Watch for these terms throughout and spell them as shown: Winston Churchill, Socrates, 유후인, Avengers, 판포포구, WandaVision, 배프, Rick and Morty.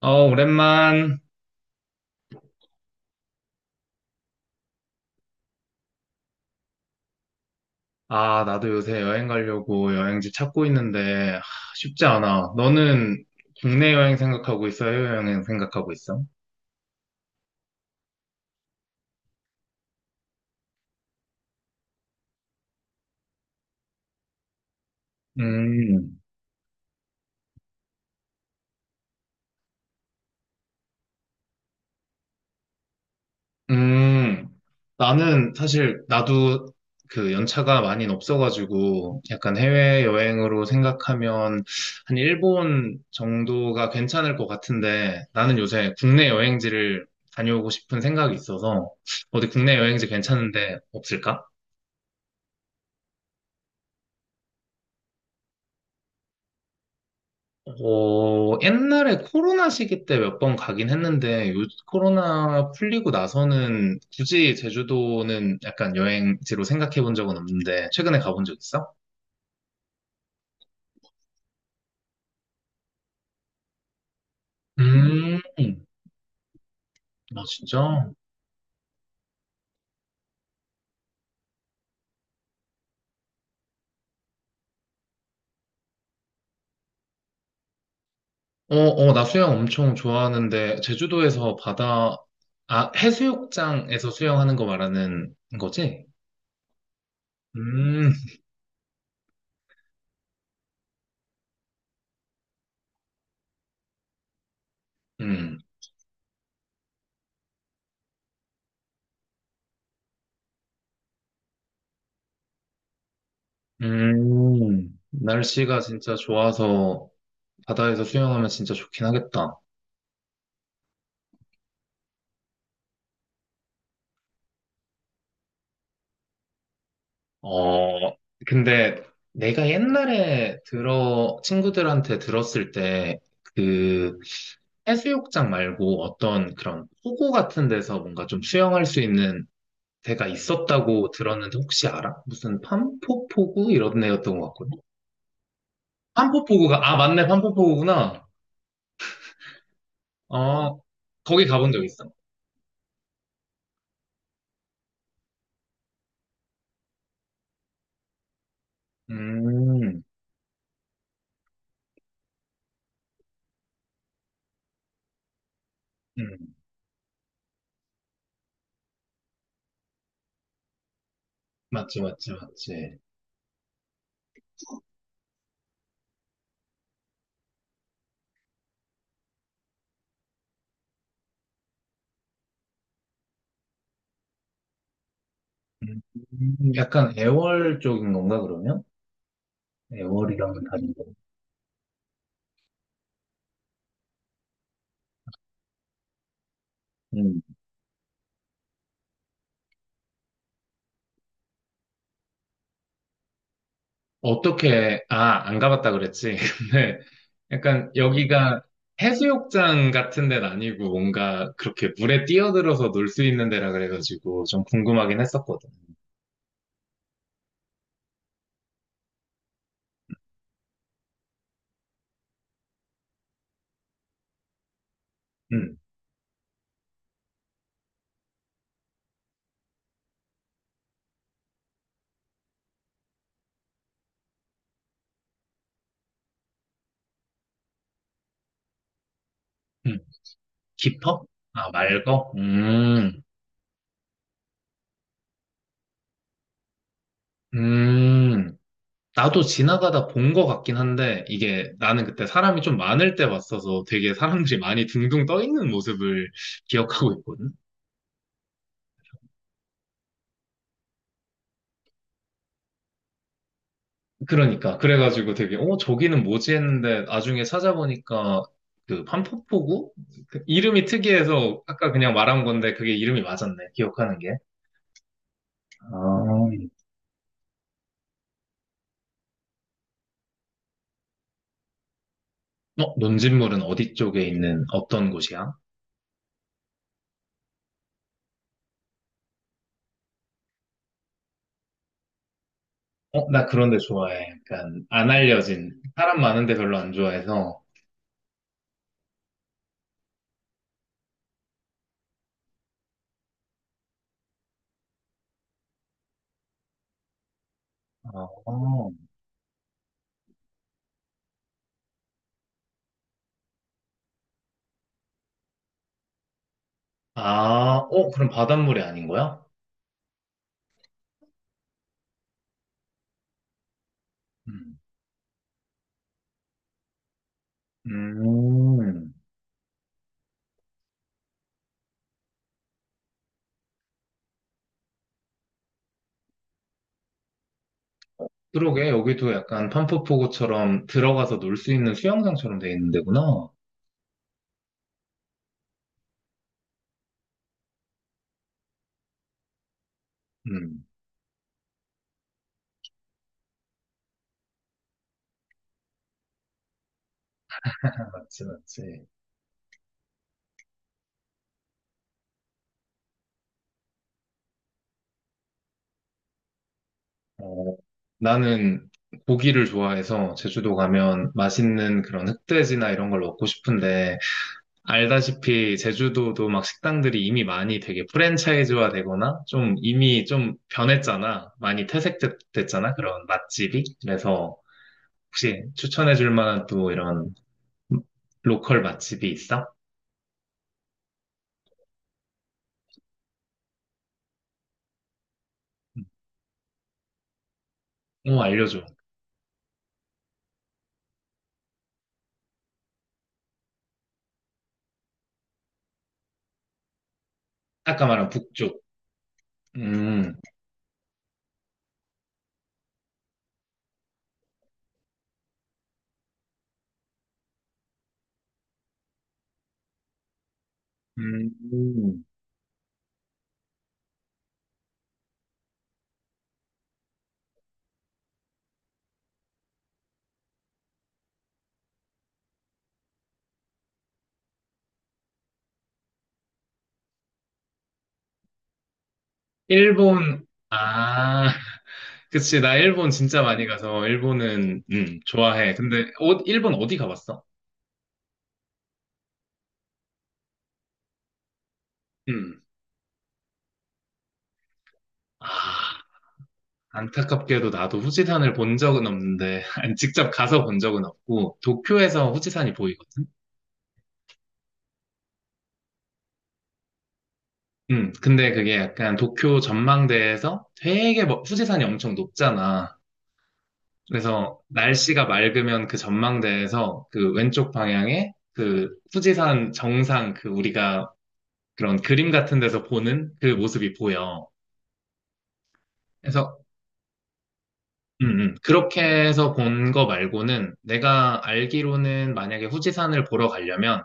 어, 오랜만. 아, 나도 요새 여행 가려고 여행지 찾고 있는데, 하, 쉽지 않아. 너는 국내 여행 생각하고 있어? 해외 여행 생각하고 있어? 음, 음. 나는 사실, 나도 그 연차가 많이 없어가지고, 약간 해외 여행으로 생각하면 한 일본 정도가 괜찮을 것 같은데, 나는 요새 국내 여행지를 다녀오고 싶은 생각이 있어서, 어디 국내 여행지 괜찮은데 없을까? 어, 옛날에 코로나 시기 때 몇 번 가긴 했는데, 코로나 풀리고 나서는 굳이 제주도는 약간 여행지로 생각해 본 적은 없는데, 최근에 가본 적 있어? 음. 아, 진짜? 어, 어, 나 수영 엄청 좋아하는데, 아, 해수욕장에서 수영하는 거 말하는 거지? 음, 음, 음. 날씨가 진짜 좋아서 바다에서 수영하면 진짜 좋긴 하겠다. 어, 근데 내가 옛날에 친구들한테 들었을 때, 그, 해수욕장 말고 어떤 그런 포구 같은 데서 뭔가 좀 수영할 수 있는 데가 있었다고 들었는데 혹시 알아? 무슨 판포포구? 이런 데였던 것 같거든? 판포포구가, 아, 맞네, 판포포구구나. 어, 거기 가본 적 있어. 음, 음. 맞지, 맞지, 맞지. 약간 애월 쪽인 건가, 그러면? 애월이랑은 다른 거. 음. 어떻게, 아, 안 가봤다 그랬지. 근데 약간 여기가 해수욕장 같은 데는 아니고 뭔가 그렇게 물에 뛰어들어서 놀 수 있는 데라 그래가지고 좀 궁금하긴 했었거든. 음, 음. 깊어? 아, 맑어? 음. 나도 지나가다 본 것 같긴 한데 이게 나는 그때 사람이 좀 많을 때 봤어서 되게 사람들이 많이 둥둥 떠 있는 모습을 기억하고 있거든. 그러니까 그래가지고 되게 어 저기는 뭐지 했는데 나중에 찾아보니까 그 판포포구 그 이름이 특이해서 아까 그냥 말한 건데 그게 이름이 맞았네 기억하는 게. 아, 어 논진물은 어디 쪽에 있는 어떤 곳이야? 어, 나 그런 데 좋아해. 약간 안 알려진 사람 많은 데 별로 안 좋아해서 아, 아 어 그럼 바닷물이 아닌 거야? 음. 음. 그러게 여기도 약간 판포포구처럼 들어가서 놀 수 있는 수영장처럼 돼 있는 데구나. 음, 맞지, 맞지. 어, 나는 고기를 좋아해서 제주도 가면 맛있는 그런 흑돼지나 이런 걸 먹고 싶은데, 알다시피 제주도도 막 식당들이 이미 많이 되게 프랜차이즈화 되거나 좀 이미 좀 변했잖아. 많이 퇴색됐잖아. 그런 맛집이. 그래서 혹시 추천해 줄 만한 또 이런 로컬 맛집이 있어? 어, 알려줘. 아까 말한 북쪽. 음, 음, 일본, 아. 그치, 나 일본 진짜 많이 가서, 일본은, 좋아해. 근데, 어, 일본 어디 가봤어? 음. 아, 안타깝게도 나도 후지산을 본 적은 없는데, 아니, 직접 가서 본 적은 없고, 도쿄에서 후지산이 보이거든? 근데 그게 약간 도쿄 전망대에서 되게 후지산이 엄청 높잖아. 그래서 날씨가 맑으면 그 전망대에서 그 왼쪽 방향에 그 후지산 정상 그 우리가 그런 그림 같은 데서 보는 그 모습이 보여. 그래서 그렇게 해서 본 거 말고는 내가 알기로는 만약에 후지산을 보러 가려면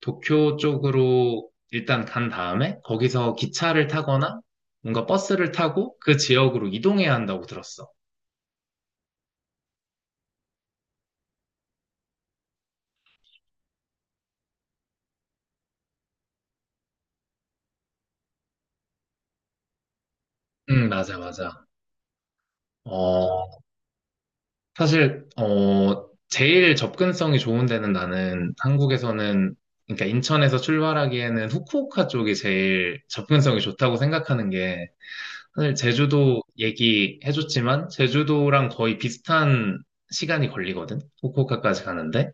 도쿄 쪽으로 일단 간 다음에 거기서 기차를 타거나 뭔가 버스를 타고 그 지역으로 이동해야 한다고 들었어. 맞아, 맞아. 어, 사실, 어, 제일 접근성이 좋은 데는 나는 한국에서는, 그러니까 인천에서 출발하기에는 후쿠오카 쪽이 제일 접근성이 좋다고 생각하는 게 사실 제주도 얘기해줬지만 제주도랑 거의 비슷한 시간이 걸리거든. 후쿠오카까지 가는데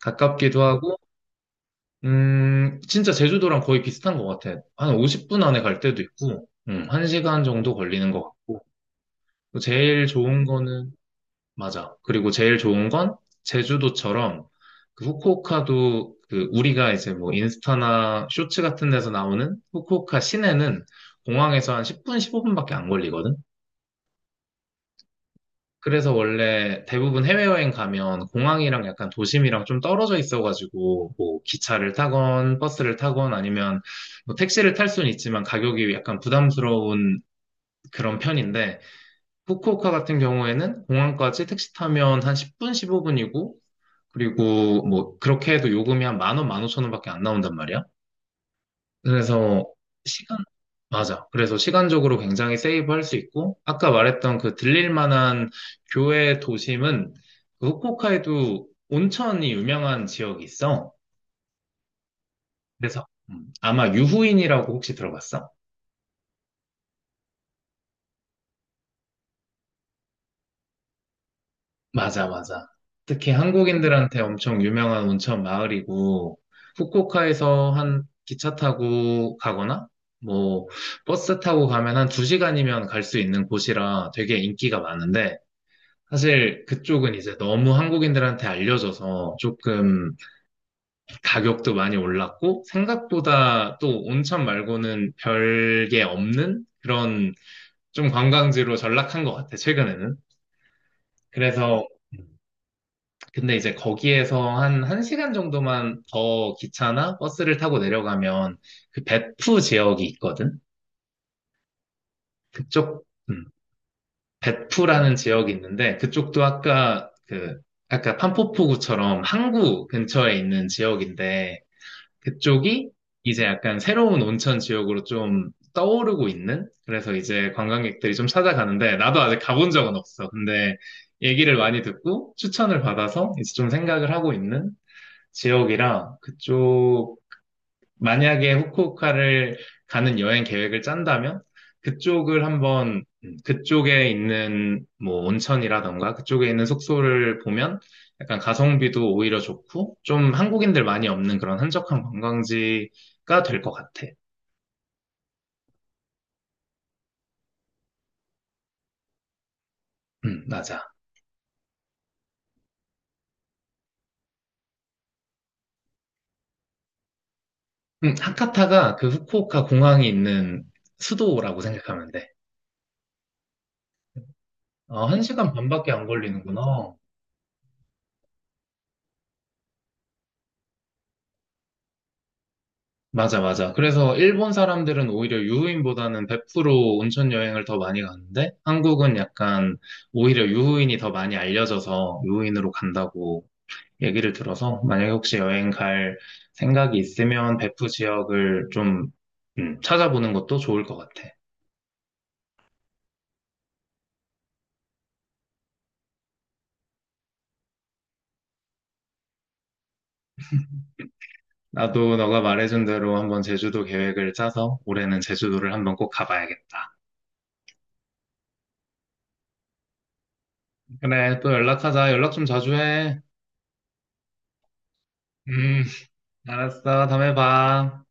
가깝기도 하고, 진짜 제주도랑 거의 비슷한 것 같아. 한 50분 안에 갈 때도 있고, 시간 정도 걸리는 것 같고. 또 제일 좋은 거는 맞아. 그리고 제일 좋은 건 제주도처럼 그 후쿠오카도 그 우리가 이제 뭐 인스타나 쇼츠 같은 데서 나오는 후쿠오카 시내는 공항에서 한 10분, 15분밖에 안 걸리거든. 그래서 원래 대부분 해외여행 가면 공항이랑 약간 도심이랑 좀 떨어져 있어가지고 뭐 기차를 타건 버스를 타건 아니면 뭐 택시를 탈 수는 있지만 가격이 약간 부담스러운 그런 편인데 후쿠오카 같은 경우에는 공항까지 택시 타면 한 10분, 15분이고 그리고 뭐 그렇게 해도 요금이 한 10,000원, 15,000원밖에 안 나온단 말이야. 그래서 시간, 맞아. 그래서 시간적으로 굉장히 세이브할 수 있고, 아까 말했던 그 들릴 만한 교외 도심은 그 후쿠오카에도 온천이 유명한 지역이 있어. 그래서 아마 유후인이라고 혹시 들어봤어? 맞아, 맞아. 특히 한국인들한테 엄청 유명한 온천 마을이고, 후쿠오카에서 한 기차 타고 가거나, 뭐, 버스 타고 가면 한 두시간이면 갈 수 있는 곳이라 되게 인기가 많은데, 사실 그쪽은 이제 너무 한국인들한테 알려져서 조금 가격도 많이 올랐고 생각보다 또 온천 말고는 별게 없는 그런 좀 관광지로 전락한 것 같아, 최근에는. 그래서 근데 이제 거기에서 한 1시간 정도만 더 기차나 버스를 타고 내려가면 그 배프 지역이 있거든. 그쪽 배프라는 지역이 있는데 그쪽도 아까 판포포구처럼 항구 근처에 있는 지역인데 그쪽이 이제 약간 새로운 온천 지역으로 좀 떠오르고 있는? 그래서 이제 관광객들이 좀 찾아가는데, 나도 아직 가본 적은 없어. 근데 얘기를 많이 듣고 추천을 받아서 이제 좀 생각을 하고 있는 지역이라 그쪽 만약에 후쿠오카를 가는 여행 계획을 짠다면 그쪽을 한번 그쪽에 있는 뭐 온천이라던가 그쪽에 있는 숙소를 보면 약간 가성비도 오히려 좋고 좀 한국인들 많이 없는 그런 한적한 관광지가 될 것 같아. 맞아. 하카타가 그 후쿠오카 공항이 있는 수도라고 생각하면 돼. 어, 한 시간 반밖에 안 걸리는구나. 맞아, 맞아. 그래서 일본 사람들은 오히려 유후인보다는 베0로 온천 여행을 더 많이 가는데, 한국은 약간 오히려 유후인이 더 많이 알려져서 유후인으로 간다고 얘기를 들어서, 만약에 혹시 여행 갈 생각이 있으면 베프 지역을 좀 찾아보는 것도 좋을 것 같아. 나도 너가 말해준 대로 한번 제주도 계획을 짜서 올해는 제주도를 한번 꼭 가봐야겠다. 그래, 또 연락하자. 연락 좀 자주 해. 음, 알았어. 다음에 봐.